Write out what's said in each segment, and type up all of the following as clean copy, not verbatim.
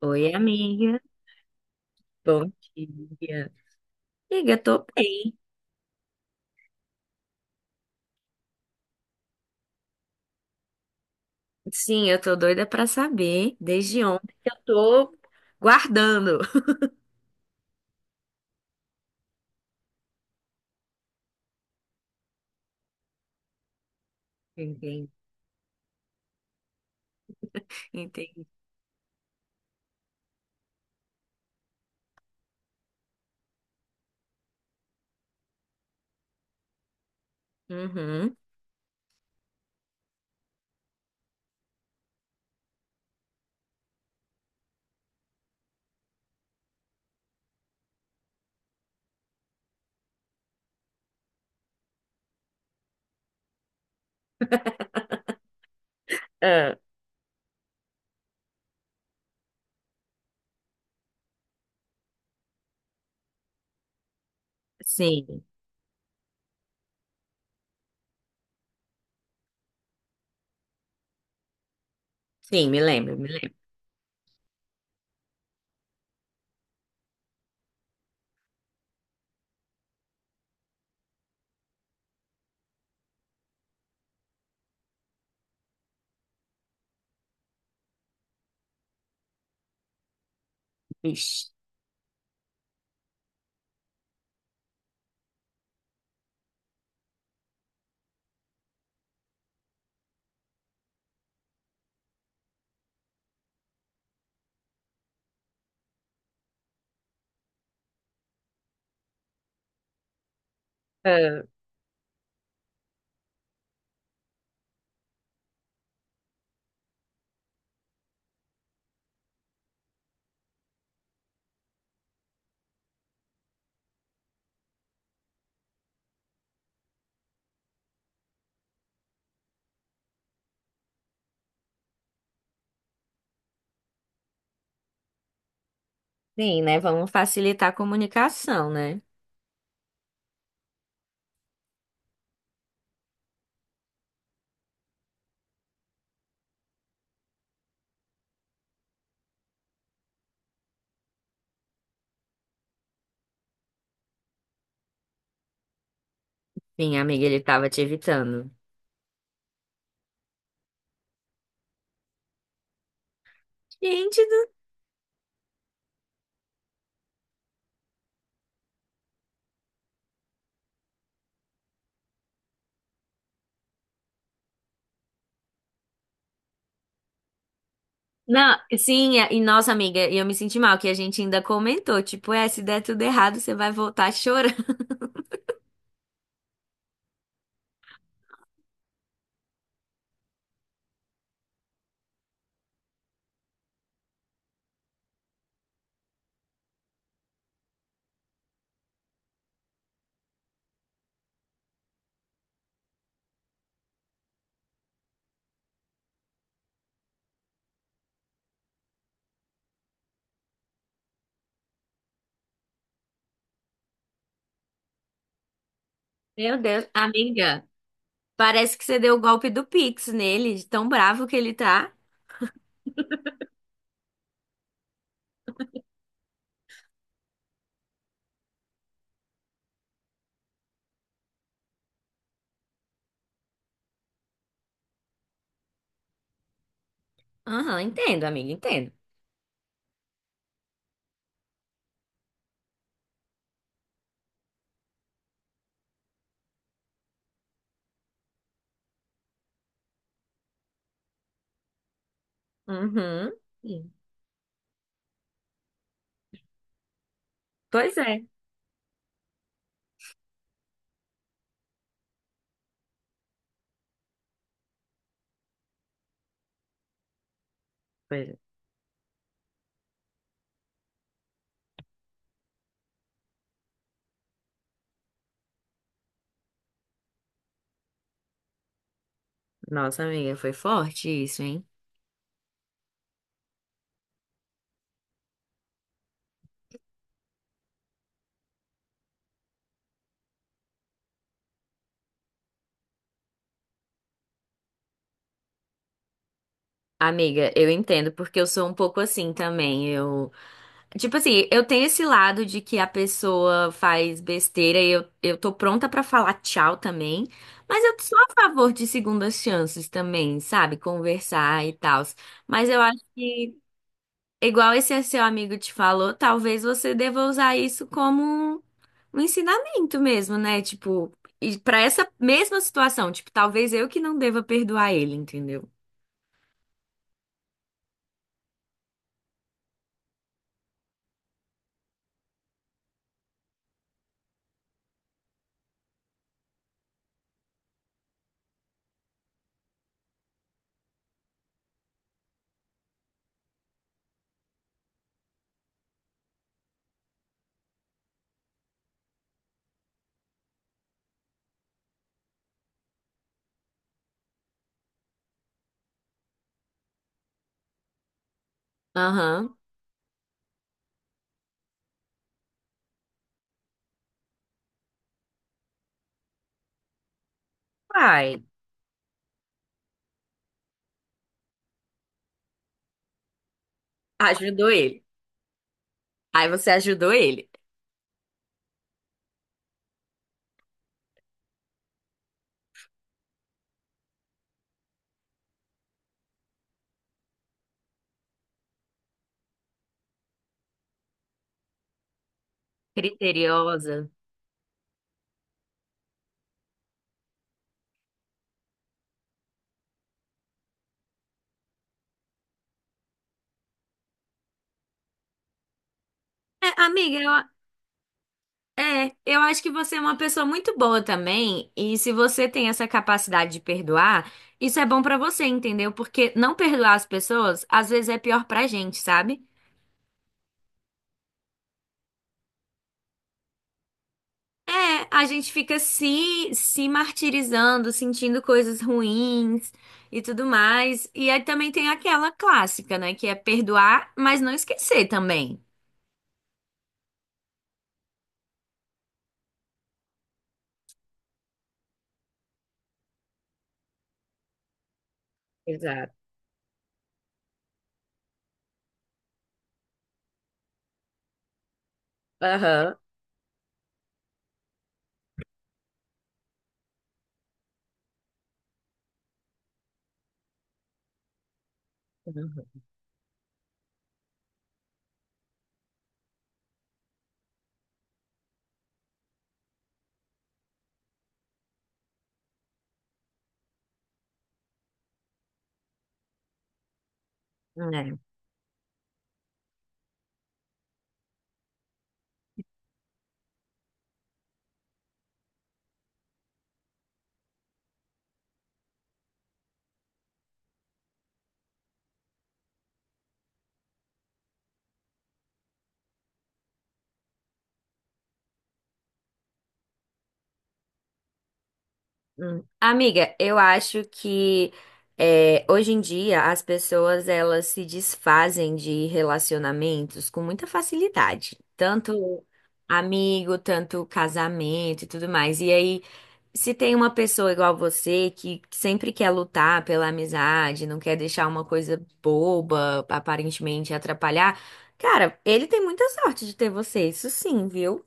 Oi, amiga. Bom dia. Amiga, eu tô bem. Sim, eu tô doida pra saber desde ontem que eu tô guardando. Entendi, entendi. Uhum. Ah, sim, sim, me lembro, me lembro. Ixi. Ah, sim, né? Vamos facilitar a comunicação, né? Sim, amiga, ele tava te evitando. Gente do... Não, sim, e nossa amiga, e eu me senti mal, que a gente ainda comentou, tipo, é, se der tudo errado, você vai voltar chorando. Meu Deus, amiga. Parece que você deu o golpe do Pix nele, de tão bravo que ele tá. Aham, entendo, amiga, entendo. Uhum. Sim. Pois é. Pois é. Nossa, amiga, foi forte isso, hein? Amiga, eu entendo, porque eu sou um pouco assim também. Eu, tipo assim, eu tenho esse lado de que a pessoa faz besteira e eu tô pronta pra falar tchau também, mas eu sou a favor de segundas chances também, sabe? Conversar e tal. Mas eu acho que. Igual esse é seu amigo te falou, talvez você deva usar isso como um ensinamento mesmo, né? Tipo, e para essa mesma situação, tipo, talvez eu que não deva perdoar ele, entendeu? Aham. Ai, ajudou ele. Aí você ajudou ele. Criteriosa. É, amiga, eu, é, eu acho que você é uma pessoa muito boa também, e se você tem essa capacidade de perdoar, isso é bom pra você, entendeu? Porque não perdoar as pessoas, às vezes é pior pra gente, sabe? É, a gente fica se martirizando, sentindo coisas ruins e tudo mais. E aí também tem aquela clássica, né? Que é perdoar, mas não esquecer também. Exato. Aham. Uhum. É. Amiga, eu acho que é, hoje em dia as pessoas elas se desfazem de relacionamentos com muita facilidade, tanto amigo, tanto casamento e tudo mais. E aí. Se tem uma pessoa igual você que sempre quer lutar pela amizade, não quer deixar uma coisa boba, aparentemente atrapalhar, cara, ele tem muita sorte de ter você, isso sim, viu?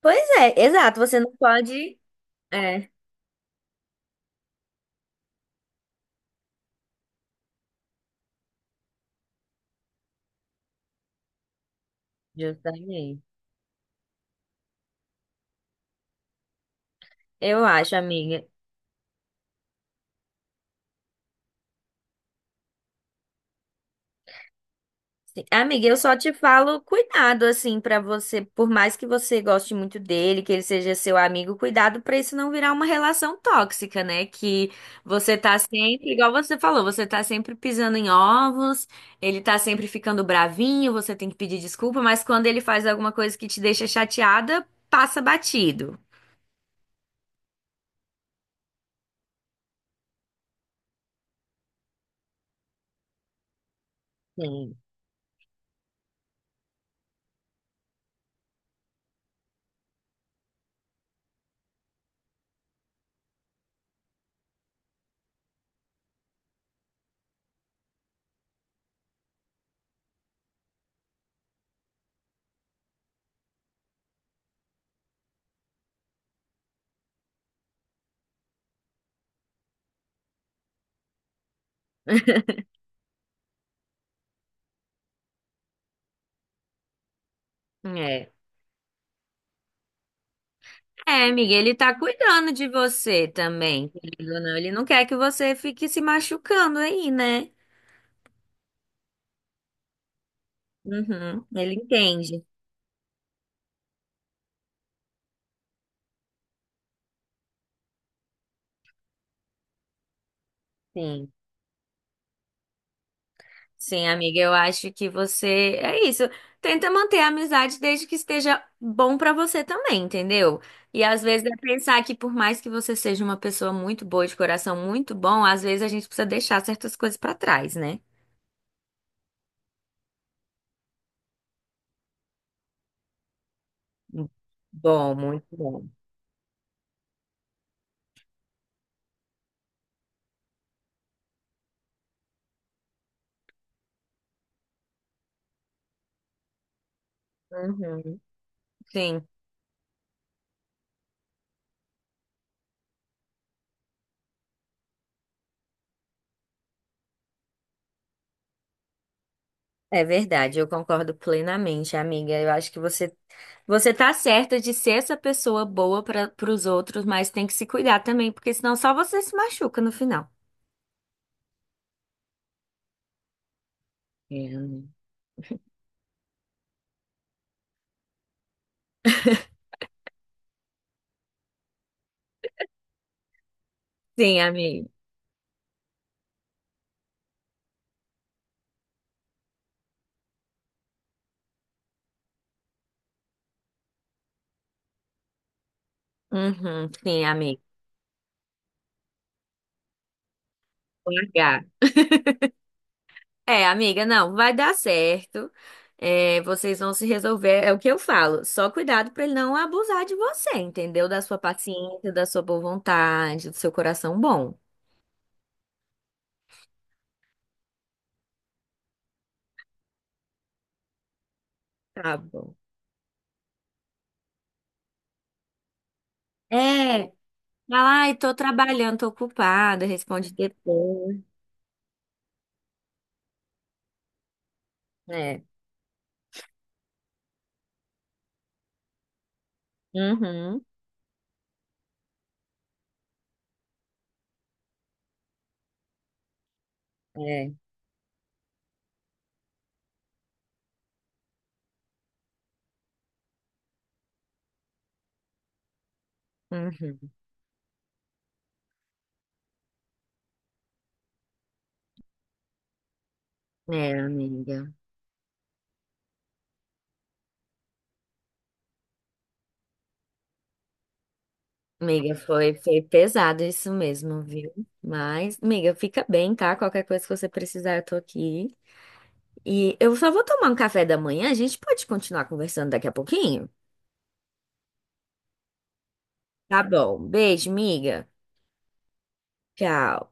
Pois é, exato, você não pode. É, justamente. Eu acho, amiga. Amiga, eu só te falo cuidado assim pra você, por mais que você goste muito dele, que ele seja seu amigo, cuidado pra isso não virar uma relação tóxica, né? Que você tá sempre, igual você falou, você tá sempre pisando em ovos, ele tá sempre ficando bravinho, você tem que pedir desculpa, mas quando ele faz alguma coisa que te deixa chateada, passa batido. Sim. É. É, amiga, ele tá cuidando de você também, querido, ou não? Ele não quer que você fique se machucando aí, né? Uhum, ele entende. Sim. Sim, amiga, eu acho que você é isso. Tenta manter a amizade desde que esteja bom pra você também, entendeu? E às vezes é pensar que por mais que você seja uma pessoa muito boa, de coração muito bom, às vezes a gente precisa deixar certas coisas pra trás, né? Hum, bom, muito bom. Uhum. Sim. É verdade, eu concordo plenamente, amiga. Eu acho que você tá certa de ser essa pessoa boa para os outros, mas tem que se cuidar também, porque senão só você se machuca no final. É, né? Sim, amiga. Uhum, sim, amiga. Com H. É, amiga, não, vai dar certo. É, vocês vão se resolver. É o que eu falo. Só cuidado para ele não abusar de você, entendeu? Da sua paciência, da sua boa vontade, do seu coração bom. Tá bom. É. Fala, ai, tô trabalhando, tô ocupada, responde depois. É. Uhum. É. Uhum. É, amiga. Amiga, foi, foi pesado isso mesmo, viu? Mas, amiga, fica bem, tá? Qualquer coisa que você precisar, eu tô aqui. E eu só vou tomar um café da manhã, a gente pode continuar conversando daqui a pouquinho? Tá bom. Beijo, amiga. Tchau.